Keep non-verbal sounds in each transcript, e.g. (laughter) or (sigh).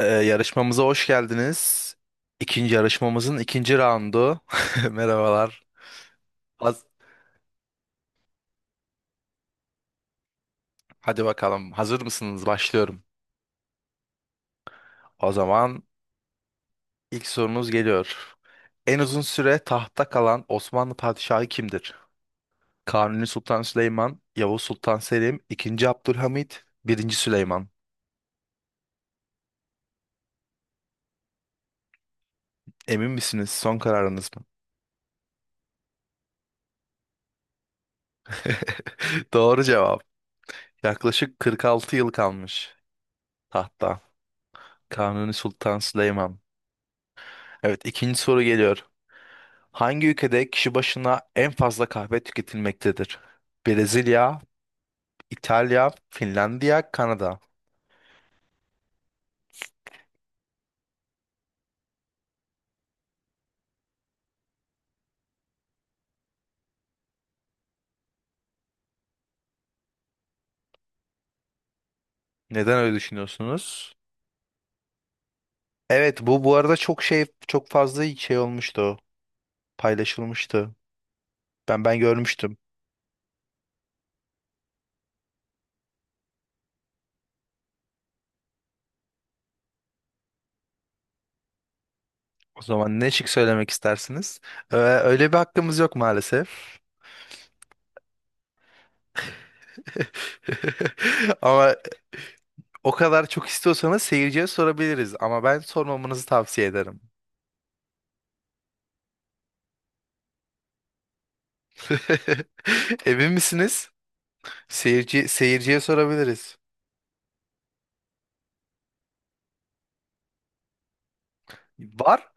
Yarışmamıza hoş geldiniz. İkinci yarışmamızın ikinci raundu. (laughs) Merhabalar. Haz- Hadi bakalım. Hazır mısınız? Başlıyorum. O zaman ilk sorunuz geliyor. En uzun süre tahtta kalan Osmanlı padişahı kimdir? Kanuni Sultan Süleyman, Yavuz Sultan Selim, II. Abdülhamit, I. Süleyman. Emin misiniz? Son kararınız mı? (laughs) Doğru cevap. Yaklaşık 46 yıl kalmış tahtta. Kanuni Sultan Süleyman. Evet, ikinci soru geliyor. Hangi ülkede kişi başına en fazla kahve tüketilmektedir? Brezilya, İtalya, Finlandiya, Kanada. Neden öyle düşünüyorsunuz? Evet, bu arada çok fazla şey olmuştu. Paylaşılmıştı. Ben görmüştüm. O zaman ne şık söylemek istersiniz? Öyle bir hakkımız yok maalesef. (laughs) Ama o kadar çok istiyorsanız seyirciye sorabiliriz. Ama ben sormamanızı tavsiye ederim. (laughs) Emin misiniz? Seyirciye sorabiliriz. Var.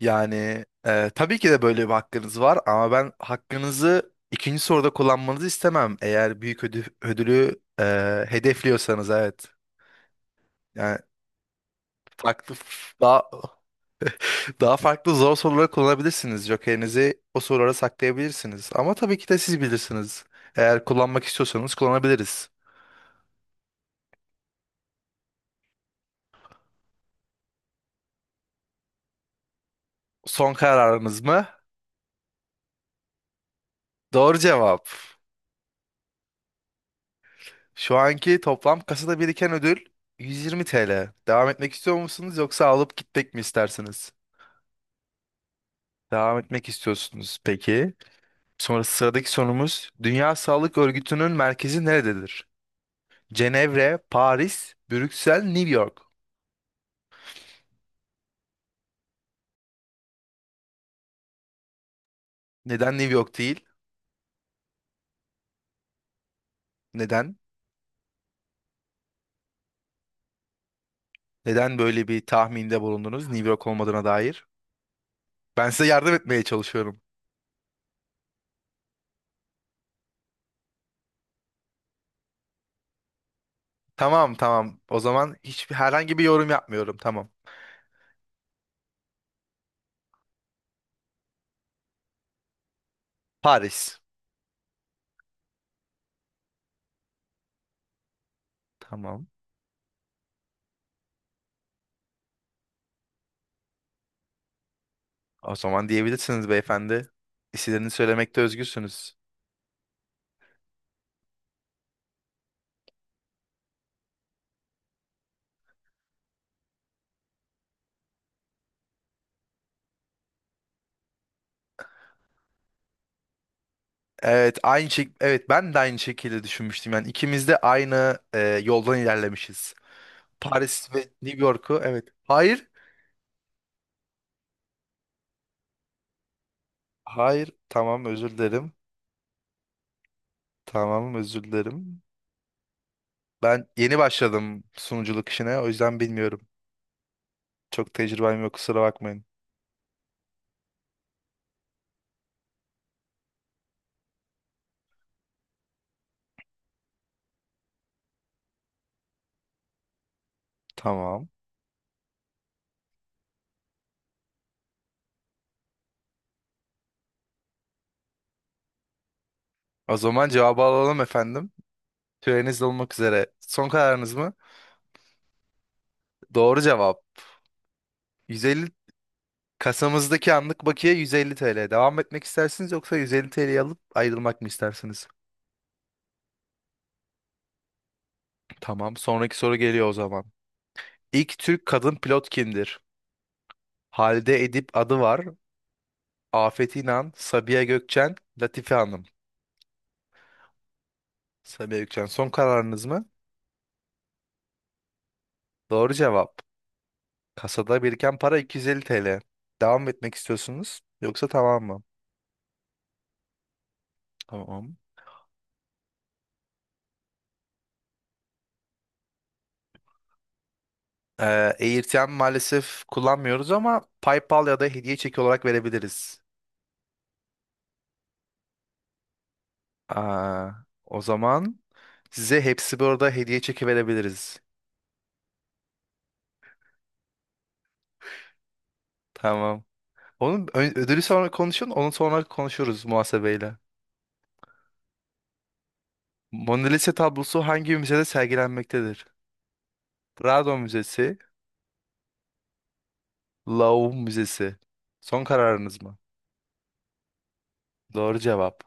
Yani tabii ki de böyle bir hakkınız var ama ben hakkınızı ikinci soruda kullanmanızı istemem. Eğer büyük ödülü hedefliyorsanız, evet. Yani farklı daha (laughs) daha farklı zor soruları kullanabilirsiniz. Jokerinizi o sorulara saklayabilirsiniz. Ama tabii ki de siz bilirsiniz. Eğer kullanmak istiyorsanız kullanabiliriz. Son kararınız mı? Doğru cevap. Şu anki toplam kasada biriken ödül 120 TL. Devam etmek istiyor musunuz yoksa alıp gitmek mi istersiniz? Devam etmek istiyorsunuz, peki. Sonra sıradaki sorumuz, Dünya Sağlık Örgütü'nün merkezi nerededir? Cenevre, Paris, Brüksel, New York. Neden New York değil? Neden? Neden böyle bir tahminde bulundunuz, New York olmadığına dair? Ben size yardım etmeye çalışıyorum. Tamam, tamam. O zaman herhangi bir yorum yapmıyorum. Tamam. Paris. Tamam. O zaman diyebilirsiniz beyefendi. İsimlerini söylemekte özgürsünüz. Evet, aynı şey. Evet, ben de aynı şekilde düşünmüştüm. Yani ikimiz de aynı yoldan ilerlemişiz. Paris ve New York'u. Evet. Hayır. Hayır. Tamam, özür dilerim. Tamam, özür dilerim. Ben yeni başladım sunuculuk işine. O yüzden bilmiyorum. Çok tecrübem yok. Kusura bakmayın. Tamam. O zaman cevabı alalım efendim. Süreniz dolmak üzere. Son kararınız mı? Doğru cevap. 150 Kasamızdaki anlık bakiye 150 TL. Devam etmek istersiniz yoksa 150 TL'yi alıp ayrılmak mı istersiniz? Tamam. Sonraki soru geliyor o zaman. İlk Türk kadın pilot kimdir? Halide Edip adı var. Afet İnan, Sabiha Gökçen, Latife Hanım. Sabiha Gökçen, son kararınız mı? Doğru cevap. Kasada biriken para 250 TL. Devam etmek istiyorsunuz yoksa tamam mı? Tamam. Ee, AirTM maalesef kullanmıyoruz ama PayPal ya da hediye çeki olarak verebiliriz. Aa, O zaman size hepsi burada hediye çeki verebiliriz. Tamam. Onun ödülü sonra konuşun, onu sonra konuşuruz muhasebeyle. Mona Lisa tablosu hangi müzede sergilenmektedir? Prado Müzesi, Louvre Müzesi. Son kararınız mı? Doğru cevap.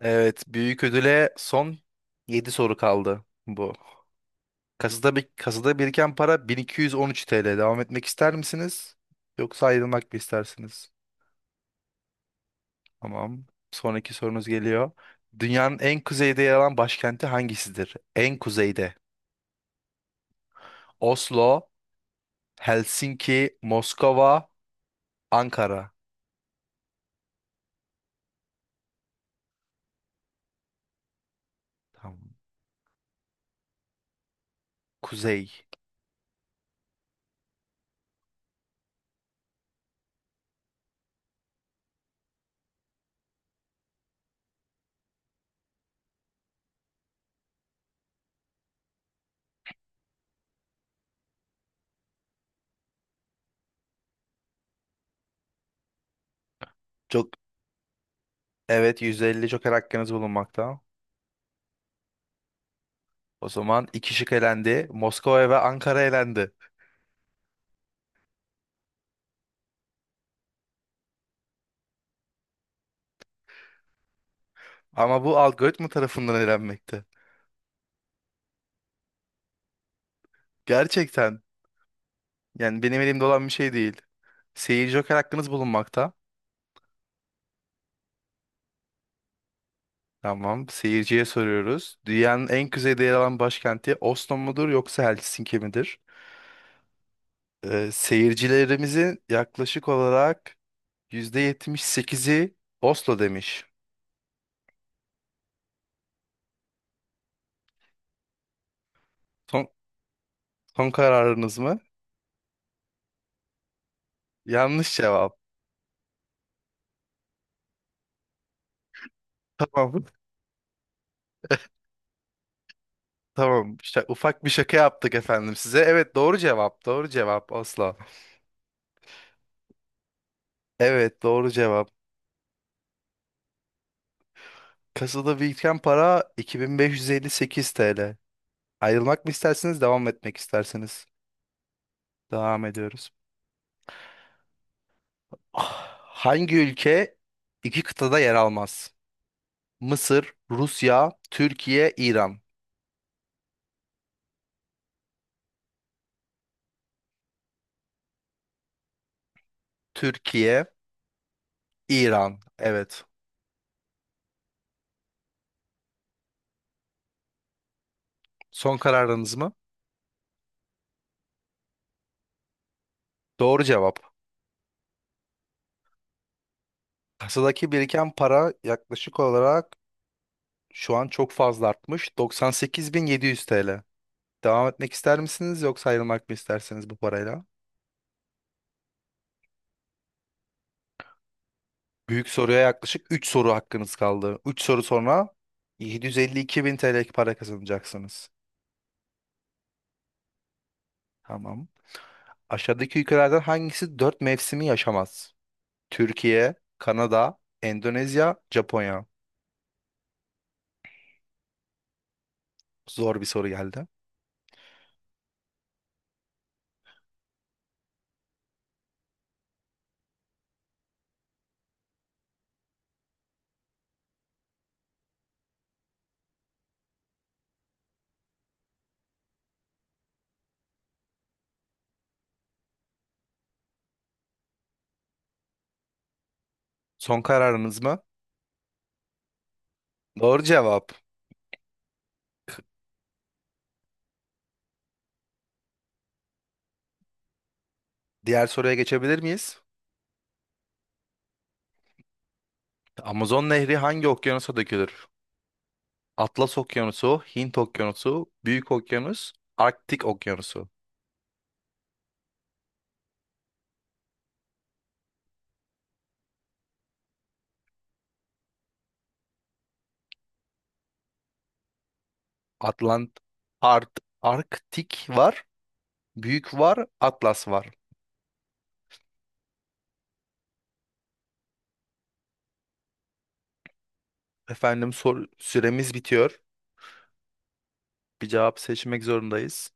Evet, büyük ödüle son 7 soru kaldı bu. Kasada biriken para 1213 TL. Devam etmek ister misiniz? Yoksa ayrılmak mı istersiniz? Tamam. Sonraki sorunuz geliyor. Dünyanın en kuzeyde yer alan başkenti hangisidir? En kuzeyde. Oslo, Helsinki, Moskova, Ankara. Tamam. Kuzey. Çok evet, 150 joker hakkınız bulunmakta. O zaman iki şık elendi. Moskova ve Ankara elendi. Ama bu algoritma tarafından elenmekte. Gerçekten. Yani benim elimde olan bir şey değil. Seyir joker hakkınız bulunmakta. Tamam. Seyirciye soruyoruz. Dünyanın en kuzeyde yer alan başkenti Oslo mudur yoksa Helsinki midir? Seyircilerimizin yaklaşık olarak yüzde yetmiş sekizi Oslo demiş. Son, Son kararınız mı? Yanlış cevap. Tamam. (laughs) Tamam. Ufak bir şaka yaptık efendim size. Evet, doğru cevap. Doğru cevap Oslo. Evet, doğru cevap. Kasada biriken para 2558 TL. Ayrılmak mı istersiniz, devam etmek istersiniz? Devam ediyoruz. Ah, hangi ülke iki kıtada yer almaz? Mısır, Rusya, Türkiye, İran. Türkiye, İran. Evet. Son kararınız mı? Doğru cevap. Kasadaki biriken para yaklaşık olarak şu an çok fazla artmış. 98.700 TL. Devam etmek ister misiniz yoksa ayrılmak mı istersiniz bu parayla? Büyük soruya yaklaşık 3 soru hakkınız kaldı. 3 soru sonra 752.000 TL para kazanacaksınız. Tamam. Aşağıdaki ülkelerden hangisi dört mevsimi yaşamaz? Türkiye, Kanada, Endonezya, Japonya. Zor bir soru geldi. Son kararınız mı? Doğru cevap. Diğer soruya geçebilir miyiz? Amazon Nehri hangi okyanusa dökülür? Atlas Okyanusu, Hint Okyanusu, Büyük Okyanus, Arktik Okyanusu. Atlant, Art, Arktik var, Büyük var, Atlas var. Efendim sor, süremiz bitiyor. Bir cevap seçmek zorundayız.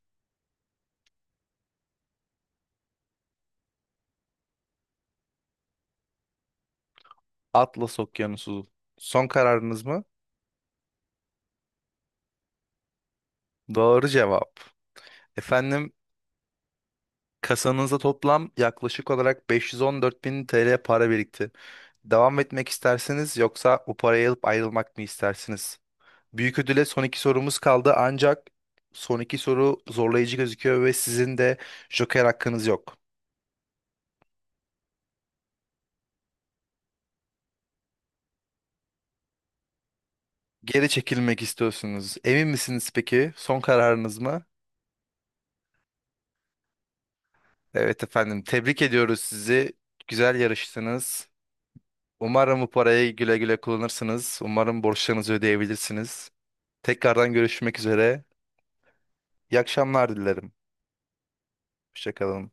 Atlas Okyanusu. Son kararınız mı? Doğru cevap. Efendim, kasanızda toplam yaklaşık olarak 514 bin TL para birikti. Devam etmek istersiniz yoksa bu parayı alıp ayrılmak mı istersiniz? Büyük ödüle son iki sorumuz kaldı ancak son iki soru zorlayıcı gözüküyor ve sizin de joker hakkınız yok. Geri çekilmek istiyorsunuz. Emin misiniz peki? Son kararınız mı? Evet efendim, tebrik ediyoruz sizi. Güzel yarıştınız. Umarım bu parayı güle güle kullanırsınız. Umarım borçlarınızı ödeyebilirsiniz. Tekrardan görüşmek üzere. İyi akşamlar dilerim. Hoşça kalın.